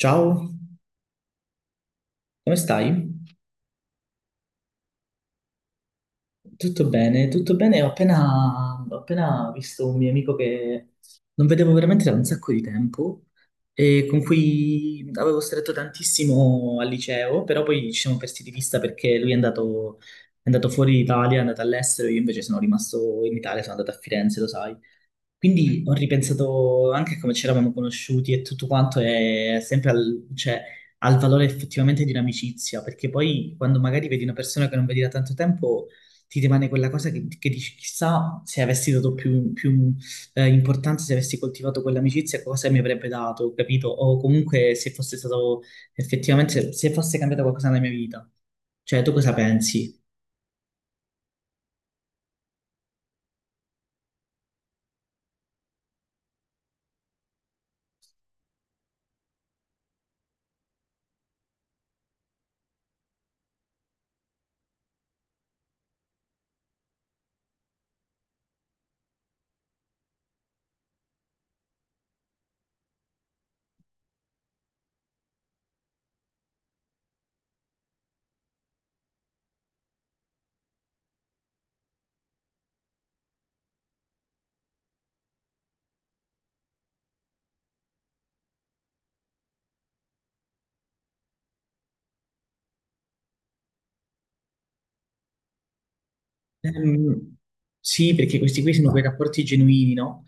Ciao, come stai? Tutto bene, tutto bene. Ho appena visto un mio amico che non vedevo veramente da un sacco di tempo e con cui avevo stretto tantissimo al liceo, però poi ci siamo persi di vista perché lui è andato fuori d'Italia, è andato all'estero, io invece sono rimasto in Italia, sono andato a Firenze, lo sai. Quindi ho ripensato anche a come ci eravamo conosciuti e tutto quanto è sempre al, cioè, al valore effettivamente di un'amicizia, perché poi quando magari vedi una persona che non vedi da tanto tempo, ti rimane quella cosa che dici, chissà se avessi dato più importanza, se avessi coltivato quell'amicizia, cosa mi avrebbe dato, capito? O comunque se fosse stato effettivamente, se fosse cambiato qualcosa nella mia vita. Cioè, tu cosa pensi? Ehm, sì, perché questi qui sono quei rapporti genuini, no?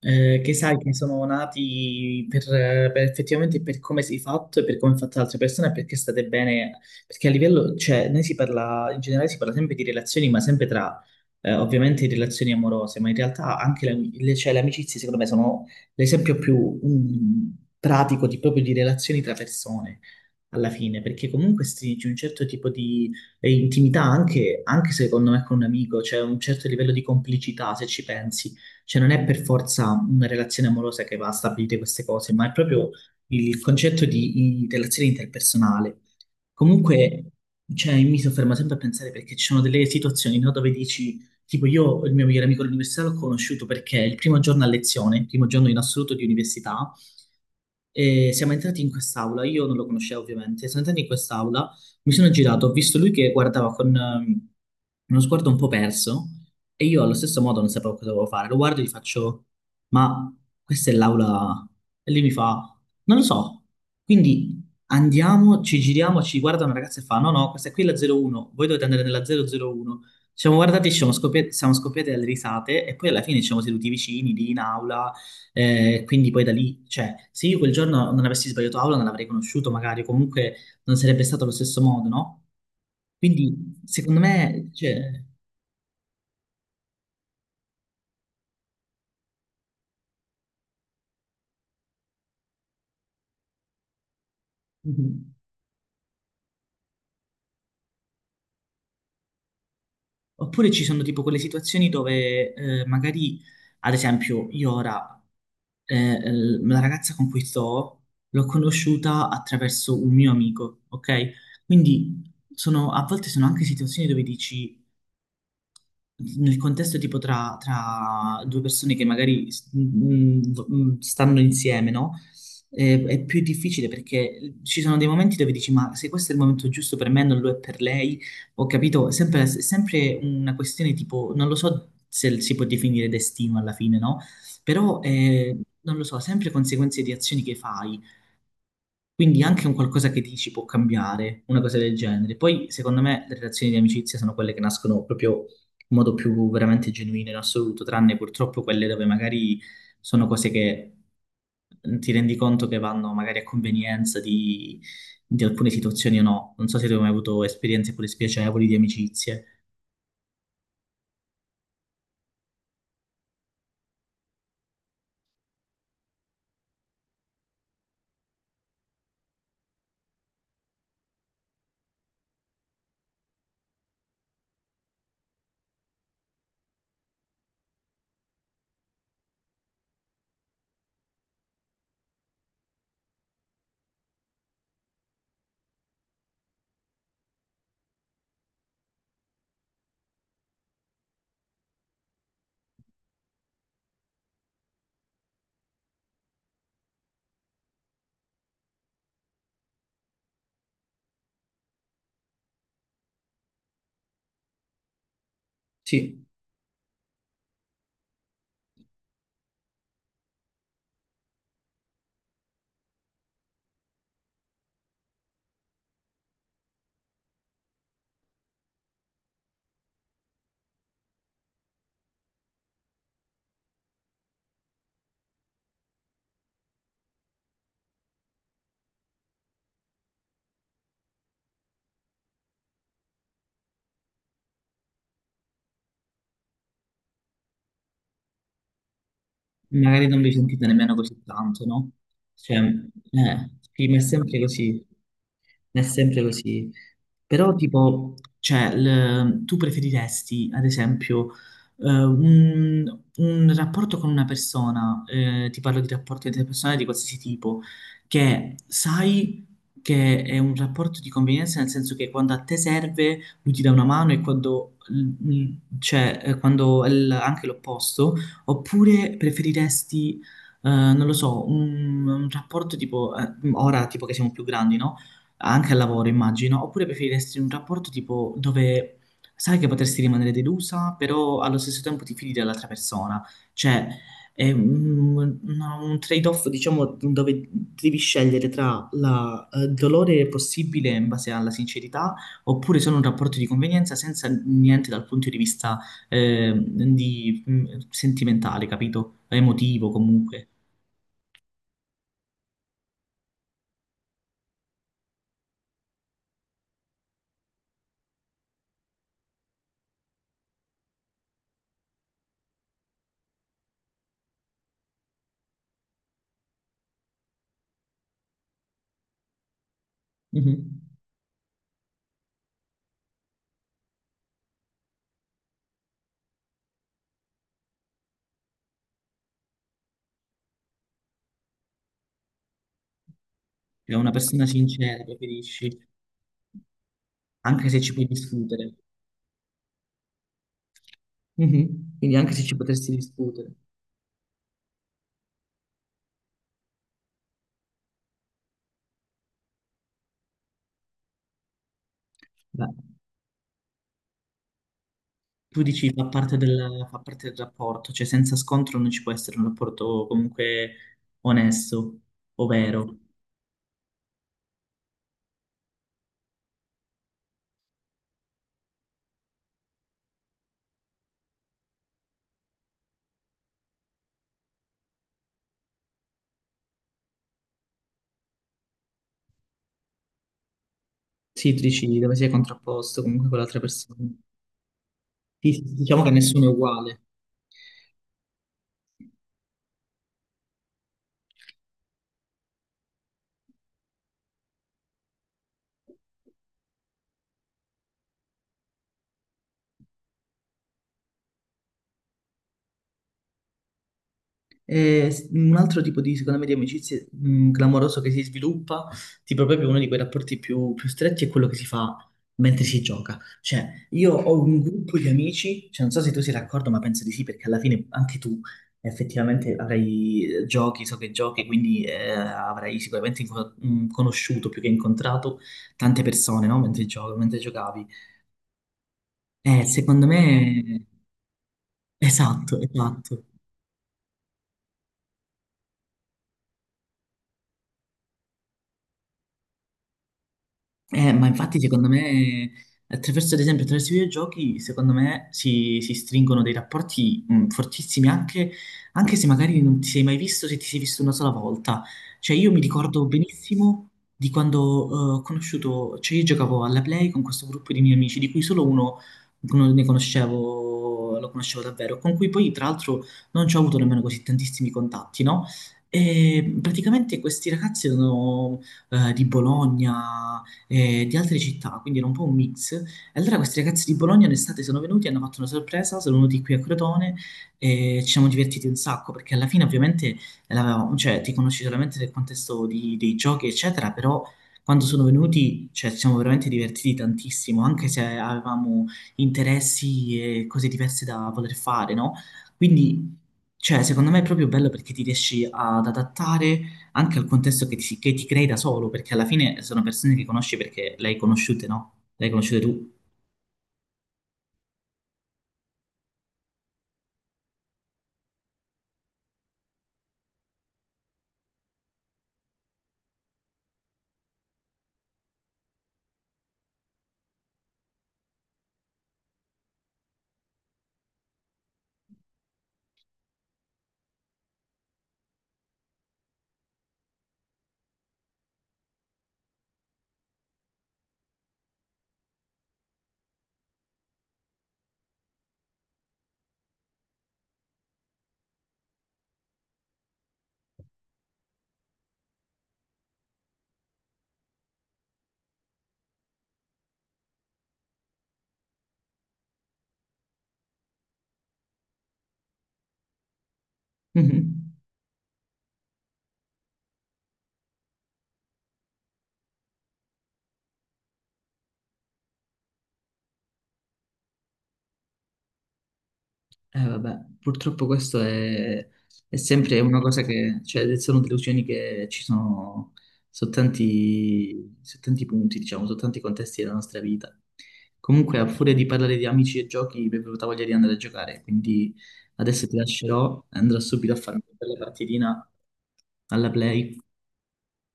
Che sai che sono nati per effettivamente per come sei fatto e per come è fatta l'altra persona e perché state bene, perché a livello, cioè, noi si parla, in generale si parla sempre di relazioni, ma sempre tra, ovviamente, relazioni amorose, ma in realtà anche cioè, le amicizie, secondo me, sono l'esempio più pratico di, proprio di relazioni tra persone. Alla fine, perché comunque stringi un certo tipo di intimità anche secondo me con un amico, cioè un certo livello di complicità, se ci pensi cioè non è per forza una relazione amorosa che va a stabilire queste cose, ma è proprio il concetto di relazione interpersonale. Comunque, cioè, mi soffermo sempre a pensare perché ci sono delle situazioni, no, dove dici, tipo io il mio migliore amico all'università l'ho conosciuto perché il primo giorno a lezione, il primo giorno in assoluto di università, e siamo entrati in quest'aula, io non lo conoscevo ovviamente, siamo entrati in quest'aula, mi sono girato, ho visto lui che guardava con uno sguardo un po' perso e io allo stesso modo non sapevo cosa dovevo fare. Lo guardo e gli faccio, ma questa è l'aula. E lui mi fa, non lo so. Quindi andiamo, ci giriamo, ci guarda una ragazza e fa, no, no, questa qui è la 01, voi dovete andare nella 001. Ci siamo guardati, ci siamo scoppiati dalle risate e poi alla fine ci siamo seduti vicini, lì in aula. Quindi poi da lì, cioè, se io quel giorno non avessi sbagliato aula non l'avrei conosciuto magari, comunque non sarebbe stato allo stesso modo, no? Quindi, secondo me, cioè... Mhm. Oppure ci sono tipo quelle situazioni dove magari, ad esempio, io ora la ragazza con cui sto l'ho conosciuta attraverso un mio amico, ok? Quindi sono- a volte sono anche situazioni dove dici, nel contesto tipo tra due persone che magari mm, mm, stanno insieme, no? È, più difficile perché ci sono dei momenti dove dici, ma se questo è il momento giusto per me, non lo è per lei, ho capito, è sempre una questione tipo, non lo so se si può definire destino alla fine, no? Però, non lo so, sempre conseguenze di azioni che fai. Quindi anche un qualcosa che dici può cambiare, una cosa del genere. Poi, secondo me, le relazioni di amicizia sono quelle che nascono proprio in modo più veramente genuino in assoluto, tranne purtroppo quelle dove magari sono cose che ti rendi conto che vanno magari a convenienza di alcune situazioni o no. Non so se tu hai mai avuto esperienze pure spiacevoli di amicizie. Sì. Magari non vi sentite nemmeno così tanto, no? Cioè, sì, ma è sempre così, è sempre così. Però, tipo, cioè, l- tu preferiresti, ad esempio, un rapporto con una persona, ti parlo di rapporti interpersonali di qualsiasi tipo, che sai che è un rapporto di convenienza, nel senso che quando a te serve lui ti dà una mano e quando, cioè, quando è l- anche l'opposto. Oppure preferiresti, non lo so, un rapporto tipo, ora tipo che siamo più grandi, no? Anche al lavoro, immagino. Oppure preferiresti un rapporto tipo dove sai che potresti rimanere delusa, però allo stesso tempo ti fidi dell'altra persona. Cioè, è un, una- un trade-off, diciamo, dove devi scegliere tra la- il dolore possibile in base alla sincerità oppure sono un rapporto di convenienza senza niente dal punto di vista sentimentale, capito? Emotivo comunque. Mhm. È una persona sincera, preferisci, anche se ci puoi discutere. Mhm. Quindi anche se ci potresti discutere, beh, tu dici fa parte del rapporto, cioè senza scontro non ci può essere un rapporto comunque onesto, ovvero. Sì, tu dici dove sei contrapposto comunque con l'altra persona. Sì, sì, diciamo che nessuno è uguale. E s- un altro tipo di, secondo me, di amicizie clamoroso che si sviluppa, tipo proprio uno di quei rapporti più, più stretti, è quello che si fa mentre si gioca. Cioè, io ho un gruppo di amici, cioè, non so se tu sei d'accordo, ma penso di sì, perché alla fine anche tu effettivamente avrai giochi, so che giochi, quindi avrai sicuramente conosciuto più che incontrato tante persone, no? Mentre mentre giocavi. Secondo me, esatto, esatto. Ma infatti secondo me, attraverso, ad esempio, attraverso i videogiochi, secondo me si stringono dei rapporti fortissimi, anche, anche se magari non ti sei mai visto, se ti sei visto una sola volta. Cioè io mi ricordo benissimo di quando ho conosciuto, cioè io giocavo alla Play con questo gruppo di miei amici, di cui solo uno non ne conoscevo, lo conoscevo davvero, con cui poi tra l'altro non ci ho avuto nemmeno così tantissimi contatti, no? E praticamente questi ragazzi erano di Bologna di altre città, quindi era un po' un mix. E allora questi ragazzi di Bologna in estate sono venuti, hanno fatto una sorpresa, sono venuti qui a Crotone e ci siamo divertiti un sacco, perché alla fine ovviamente l'avevamo- cioè, ti conosci solamente nel contesto di- dei giochi, eccetera, però quando sono venuti, cioè, ci siamo veramente divertiti tantissimo, anche se avevamo interessi e cose diverse da voler fare, no? Quindi, cioè, secondo me è proprio bello perché ti riesci ad adattare anche al contesto che ti crei da solo, perché alla fine sono persone che conosci perché le hai conosciute, no? Le hai conosciute tu. Mhm. Vabbè, purtroppo questo è sempre una cosa che, cioè, sono delusioni che ci sono su tanti punti, diciamo, su tanti contesti della nostra vita. Comunque, a furia di parlare di amici e giochi, mi è venuta voglia di andare a giocare, quindi adesso ti lascerò e andrò subito a fare una bella partitina alla play,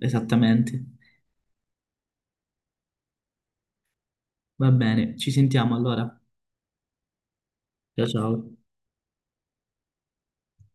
esattamente. Va bene, ci sentiamo allora. Ciao ciao.